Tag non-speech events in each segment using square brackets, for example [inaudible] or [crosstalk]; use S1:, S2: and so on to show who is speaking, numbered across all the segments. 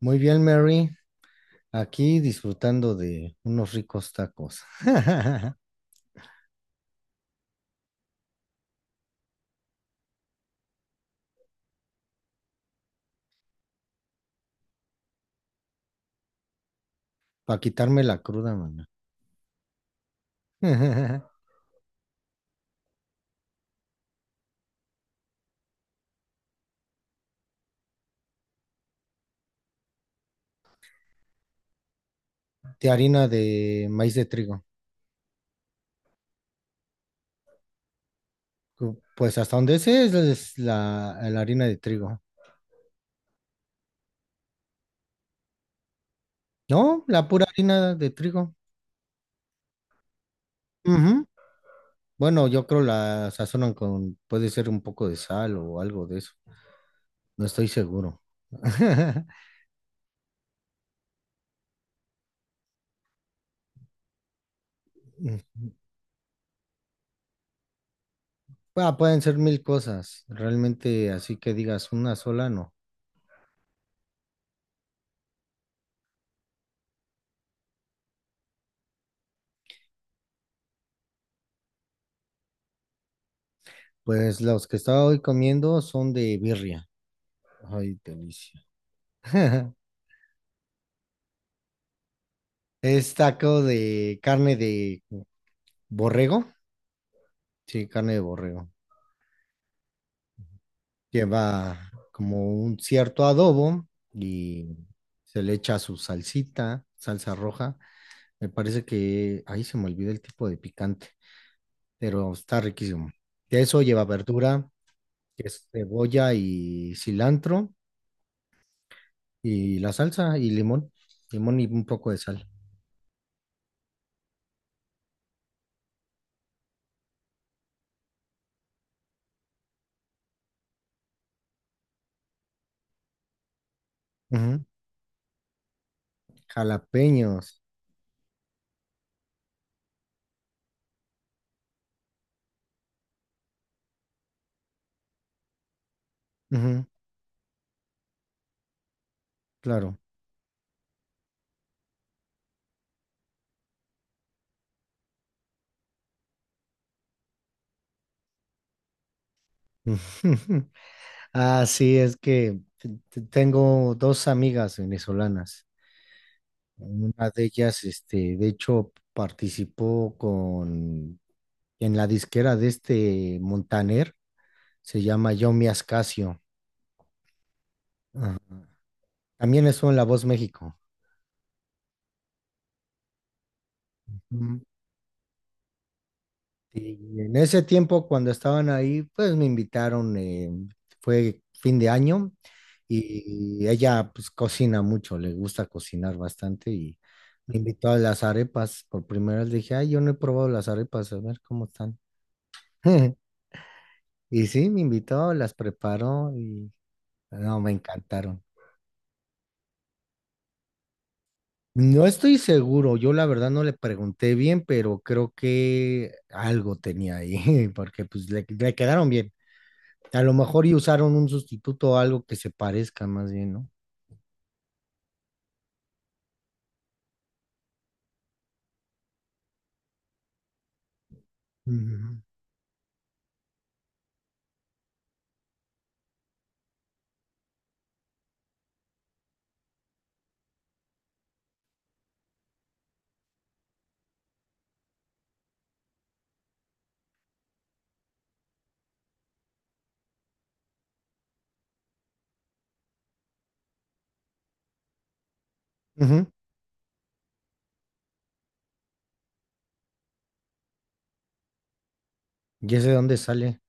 S1: Muy bien, Mary. Aquí disfrutando de unos ricos tacos. [laughs] Para quitarme la cruda, maná. [laughs] De harina de maíz de trigo. Pues hasta donde sé es la harina de trigo. No, la pura harina de trigo. Ujú. Bueno, yo creo la sazonan con, puede ser un poco de sal o algo de eso. No estoy seguro. [laughs] Ah, pueden ser mil cosas. Realmente, así que digas una sola, no. Pues los que estaba hoy comiendo son de birria. Ay, delicia. [laughs] Es taco de carne de borrego. Sí, carne de borrego. Lleva como un cierto adobo y se le echa su salsita, salsa roja. Me parece que ahí se me olvidó el tipo de picante, pero está riquísimo. De eso lleva verdura, que es cebolla y cilantro y la salsa y limón, limón y un poco de sal. Ujú. Jalapeños. Ujú, claro. [laughs] Sí, es que tengo dos amigas venezolanas. Una de ellas, de hecho, participó con en la disquera de este Montaner, se llama Yomi Ascasio. Ajá. También estuvo en La Voz México. Y en ese tiempo, cuando estaban ahí, pues me invitaron, fue fin de año y ella pues cocina mucho, le gusta cocinar bastante y me invitó a las arepas. Por primera vez le dije, ay, yo no he probado las arepas, a ver cómo están. [laughs] Y sí, me invitó, las preparó y no, me encantaron. No estoy seguro, yo la verdad no le pregunté bien, pero creo que algo tenía ahí, [laughs] porque pues le quedaron bien. A lo mejor y usaron un sustituto o algo que se parezca más bien, ¿no? Ujú. Ujú. ¿Y ese de dónde sale?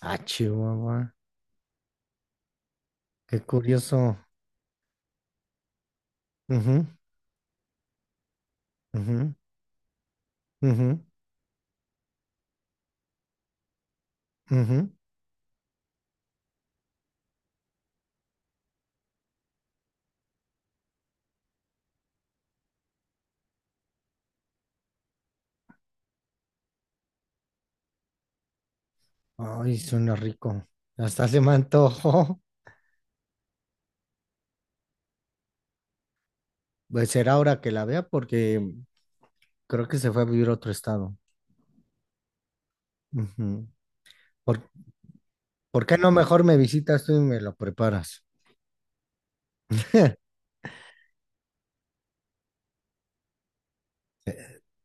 S1: Ah, Chihuahua. Qué curioso. Ujú, ujú, ujú, ujú. Ay, suena rico. Hasta se me antojó. Pues será ahora que la vea porque creo que se fue a vivir a otro estado. Ujú. ¿Por, por qué no mejor me visitas tú y me lo preparas? [laughs]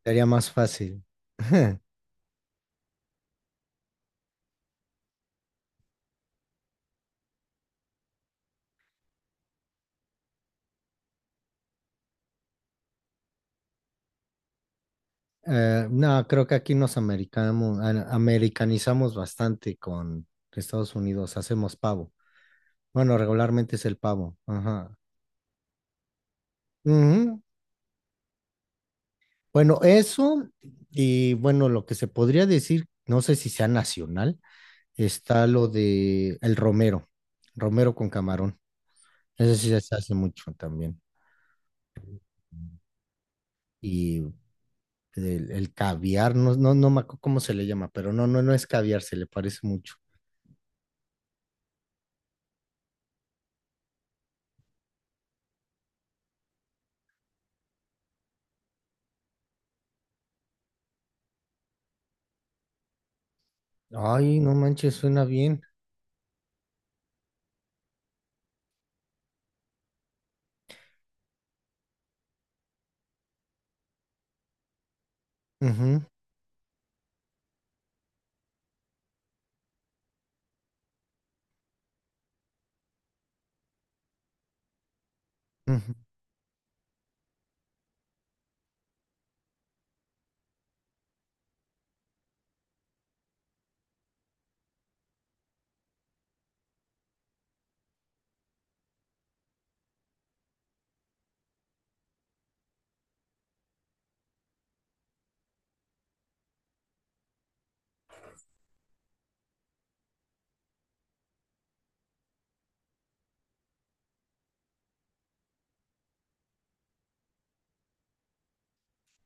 S1: Sería más fácil. [laughs] No, creo que aquí nos americanizamos bastante con Estados Unidos, hacemos pavo. Bueno, regularmente es el pavo. Ajá. Ujú. Bueno, eso y bueno, lo que se podría decir, no sé si sea nacional, está lo de el romero, romero con camarón. Eso sí se hace mucho también. Y el caviar, no me acuerdo cómo se le llama, pero no es caviar, se le parece mucho. Ay, no manches, suena bien. Ujú. Ujú.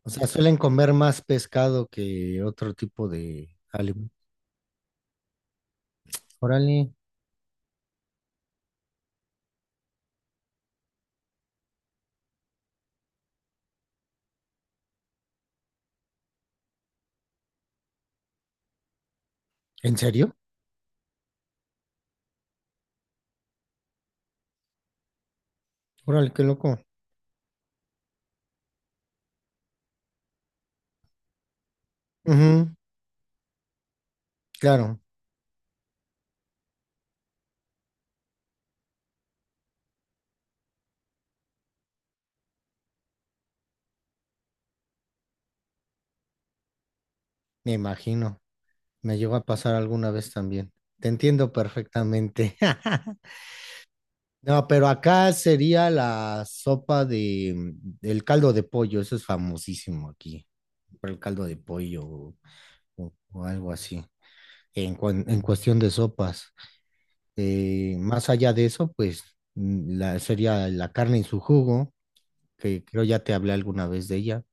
S1: O sea, suelen comer más pescado que otro tipo de alimento. Órale, ¿en serio? Órale, qué loco. Ujú, claro, me imagino. Me llegó a pasar alguna vez también. Te entiendo perfectamente. [laughs] No, pero acá sería la sopa de el caldo de pollo. Eso es famosísimo aquí. Por el caldo de pollo o algo así. En cuestión de sopas. Más allá de eso, pues sería la carne en su jugo, que creo ya te hablé alguna vez de ella,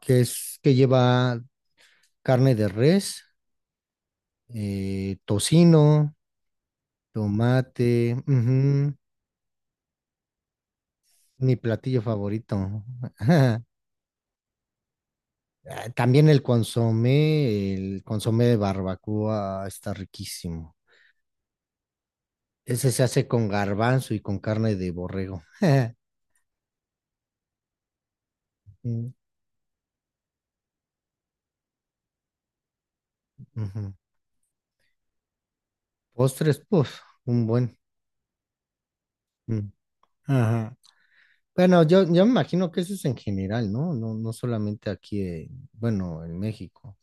S1: que es que lleva carne de res, tocino, tomate. Ujú, mi platillo favorito. [laughs] Ah, también el consomé de barbacoa está riquísimo. Ese se hace con garbanzo y con carne de borrego. [laughs] Mm, ujú. Postres, pues, un buen. Mm. Ajá. Bueno, yo me imagino que eso es en general, ¿no? No solamente aquí, bueno, en México.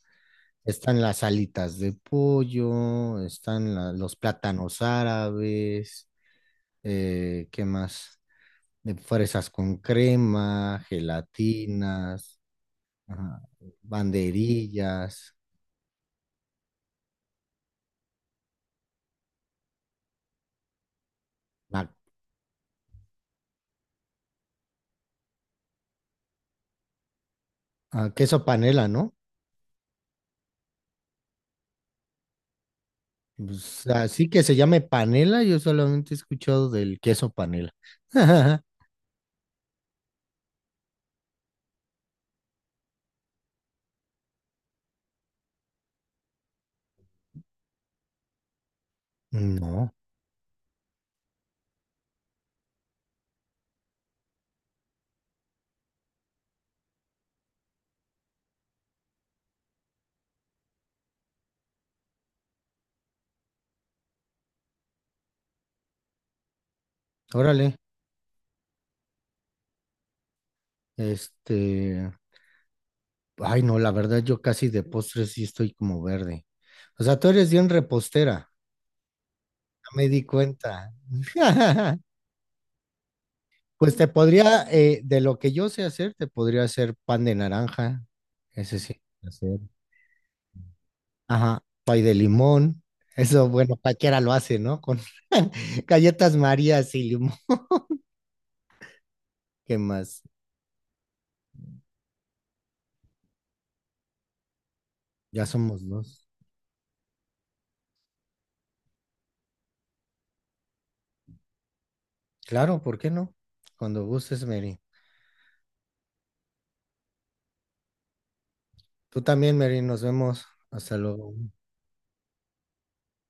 S1: Están las alitas de pollo, están los plátanos árabes, ¿qué más? De fresas con crema, gelatinas, ajá, banderillas, la- ah, queso panela, ¿no? Pues, así que se llame panela, yo solamente he escuchado del queso panela. [laughs] No, órale, este. Ay, no, la verdad, yo casi de postres sí estoy como verde. O sea, tú eres bien repostera, ya me di cuenta. [laughs] Pues te podría, de lo que yo sé hacer, te podría hacer pan de naranja, ese sí. Sé hacer. Ajá, pay de limón, eso, bueno, cualquiera lo hace, ¿no? Con [laughs] galletas Marías y limón. ¿Qué más? Ya somos dos. Claro, ¿por qué no? Cuando gustes, Mary. Tú también, Mary, nos vemos. Hasta luego.